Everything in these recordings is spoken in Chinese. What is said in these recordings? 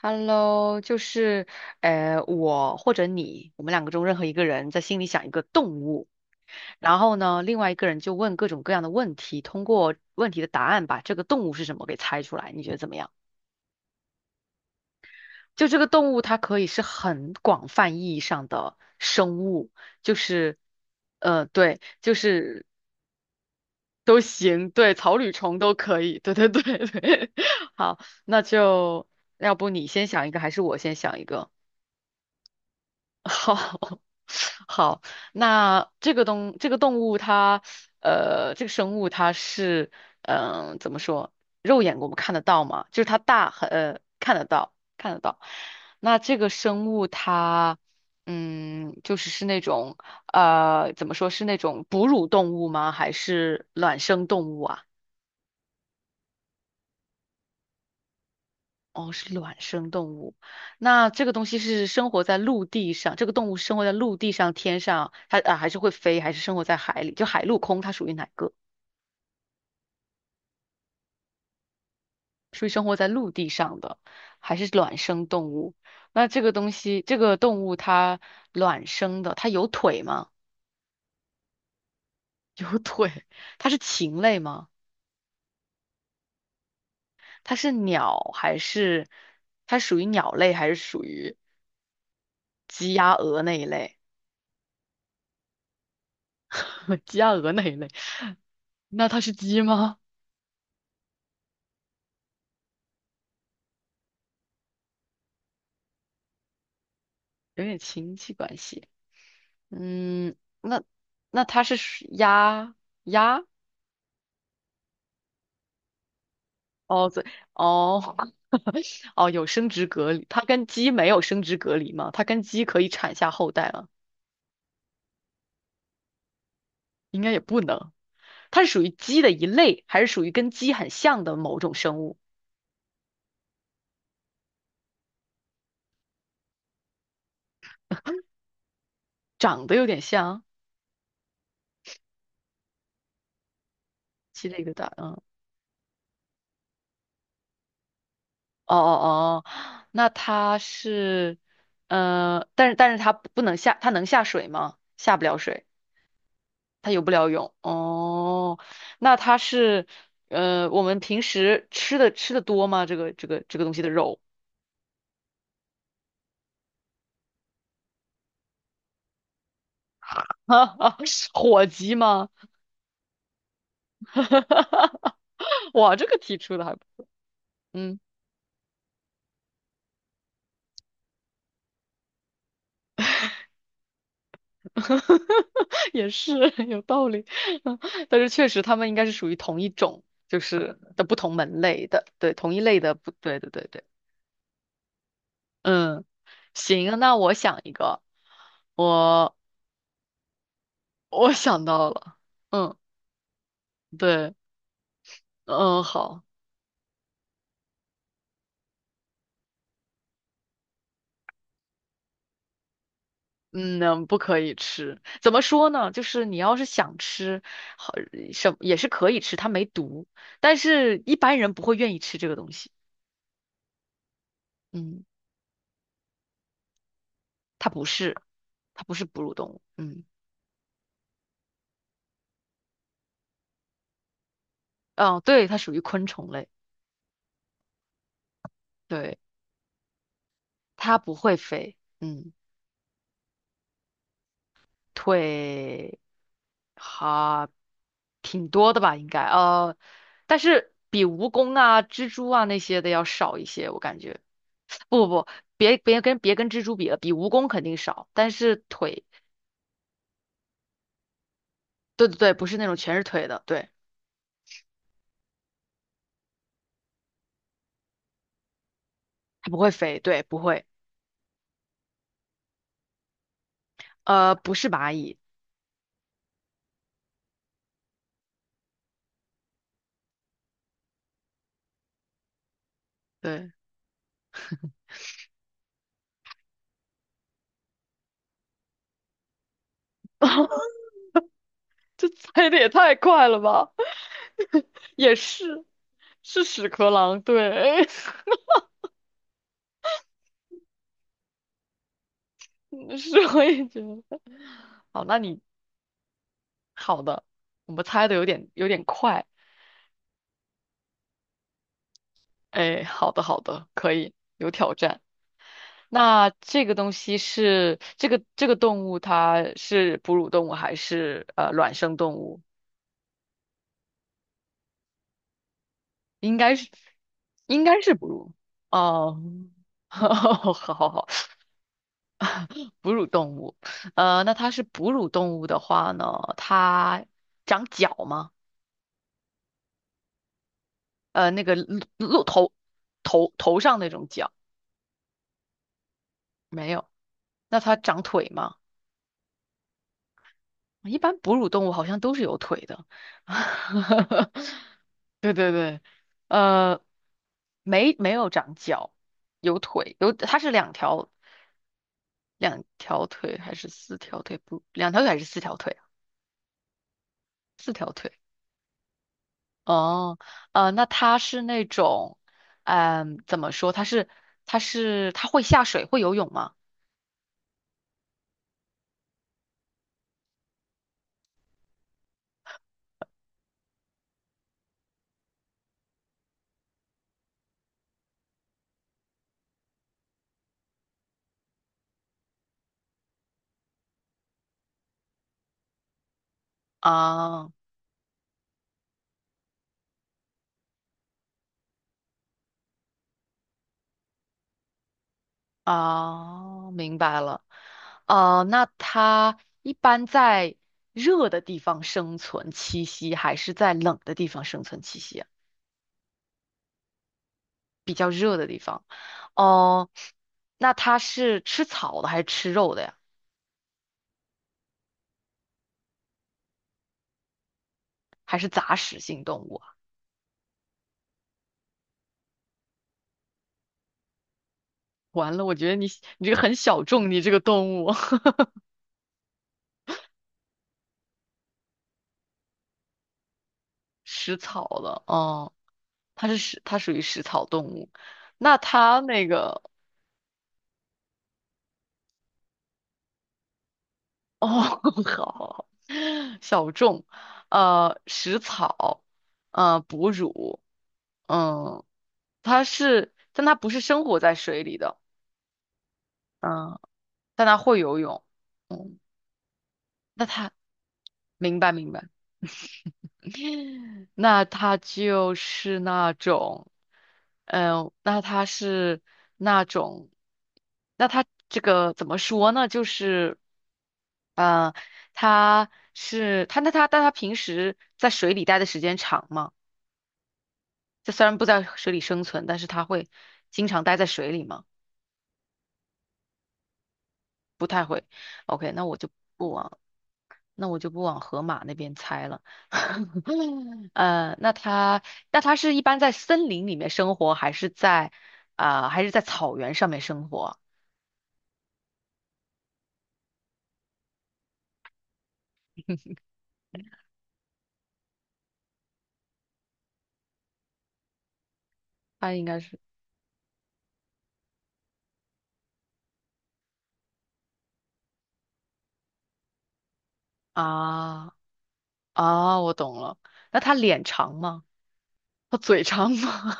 Hello，就是我或者你，我们两个中任何一个人在心里想一个动物，然后呢，另外一个人就问各种各样的问题，通过问题的答案把这个动物是什么给猜出来，你觉得怎么样？就这个动物，它可以是很广泛意义上的生物，就是对，就是都行，对，草履虫都可以，对对对对。好，那就要不你先想一个，还是我先想一个？好，好，那这个东这个动物它，这个生物它是，怎么说，肉眼我们看得到吗？就是它大很，看得到，看得到。那这个生物它，就是那种，怎么说是那种哺乳动物吗？还是卵生动物啊？哦，是卵生动物。那这个东西是生活在陆地上，这个动物生活在陆地上、天上，它啊还是会飞，还是生活在海里？就海陆空，它属于哪个？属于生活在陆地上的，还是卵生动物？那这个东西，这个动物它卵生的，它有腿吗？有腿。它是禽类吗？它是鸟还是它属于鸟类还是属于鸡鸭鹅那一类？鸡鸭鹅那一类？那它是鸡吗？有点亲戚关系。嗯，那那它是属鸭哦，对哦 哦，有生殖隔离，它跟鸡没有生殖隔离吗？它跟鸡可以产下后代吗？应该也不能。它是属于鸡的一类，还是属于跟鸡很像的某种生物？长得有点像鸡类个蛋。嗯，哦哦哦，那它是但是它不能下，它能下水吗？下不了水。它游不了泳哦，那它是我们平时吃的多吗？这个东西的肉，哈哈，火鸡吗？哇，这个题出的还不嗯，也是 有道理，嗯，但是确实它们应该是属于同一种，就是的不同门类的，对，同一类的，不对，对对对，嗯，行，那我想一个，我我想到了，嗯，对，嗯，好。嗯，不可以吃。怎么说呢？就是你要是想吃，好，什也是可以吃，它没毒。但是一般人不会愿意吃这个东西。嗯，它不是，它不是哺乳动物。嗯，哦，对，它属于昆虫类。对，它不会飞。嗯。腿哈、挺多的吧，应该但是比蜈蚣啊、蜘蛛啊那些的要少一些，我感觉。不不不，别跟蜘蛛比了，比蜈蚣肯定少，但是腿，对对对，不是那种全是腿的，对，它不会飞，对，不会，不是蚂蚁，对，这猜的也太快了吧，也是，是屎壳郎，对，是我也觉得，好，好的，我们猜的有点快。哎，好的好的，可以，有挑战。那这个东西是这个这个动物，它是哺乳动物还是卵生动物？应该是应该是哺乳哦，好好好，哺乳动物。那它是哺乳动物的话呢，它长角吗？那个鹿头头上那种角没有？那它长腿吗？一般哺乳动物好像都是有腿的。对对对，呃，没有长脚，有腿，它是两条腿还是四条腿？不，两条腿还是四条腿啊？四条腿。哦，那它是那种，怎么说？它会下水，会游泳吗？啊、哦，明白了。那它一般在热的地方生存栖息，还是在冷的地方生存栖息啊？哦，那它是吃草的，还是吃肉的呀？还是杂食性动物啊？完了，我觉得你这个很小众，你这个动物 食草的，哦，它属于食草动物。那它那个。哦，好小众，食草，哺乳，嗯，它是，但它不是生活在水里的，嗯，但它会游泳，嗯，那它，明白明白，那它就是那种，那它是那种，那它这个怎么说呢？就是，呃，它是它那它但它平时在水里待的时间长吗？它虽然不在水里生存，但是它会经常待在水里吗？不太会。OK，不往，那我就不往河马那边猜了。呃，那它那它是一般在森林里面生活，还是在草原上面生活？它应该是啊啊，我懂了。那它脸长吗？它嘴长吗？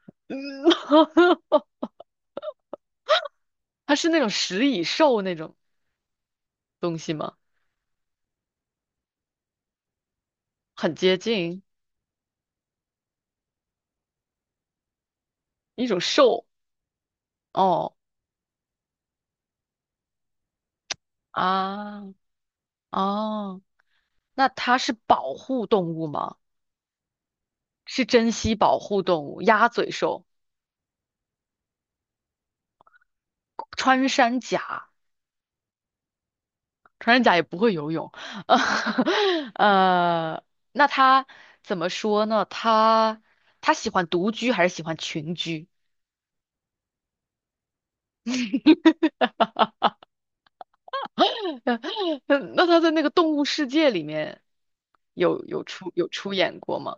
嗯，它是那种食蚁兽那种东西吗？很接近一种兽哦。啊，哦，那它是保护动物吗？是珍稀保护动物，鸭嘴兽，穿山甲，穿山甲也不会游泳，呃，那它怎么说呢？它喜欢独居还是喜欢群居？那它在那个动物世界里面有有出有出演过吗？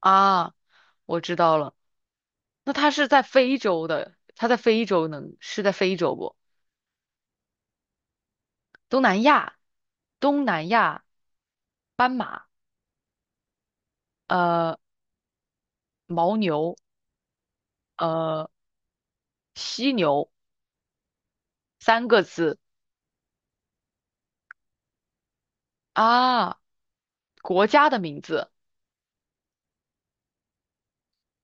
啊，我知道了，那它是在非洲的，它在非洲能是在非洲不？东南亚，东南亚斑马，呃，牦牛，呃，犀牛，三个字啊，国家的名字，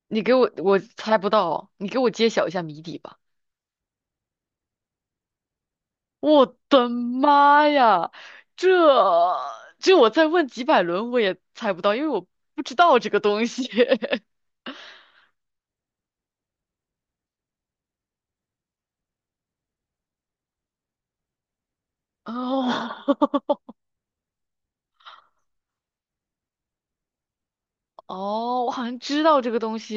你给我，我猜不到哦，你给我揭晓一下谜底吧。我的妈呀，这这我再问几百轮我也猜不到，因为我不知道这个东西。哦 哦，我好像知道这个东西，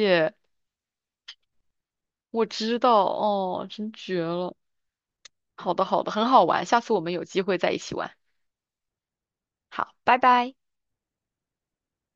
我知道哦，真绝了。好的，好的，很好玩，下次我们有机会再一起玩。好，拜拜。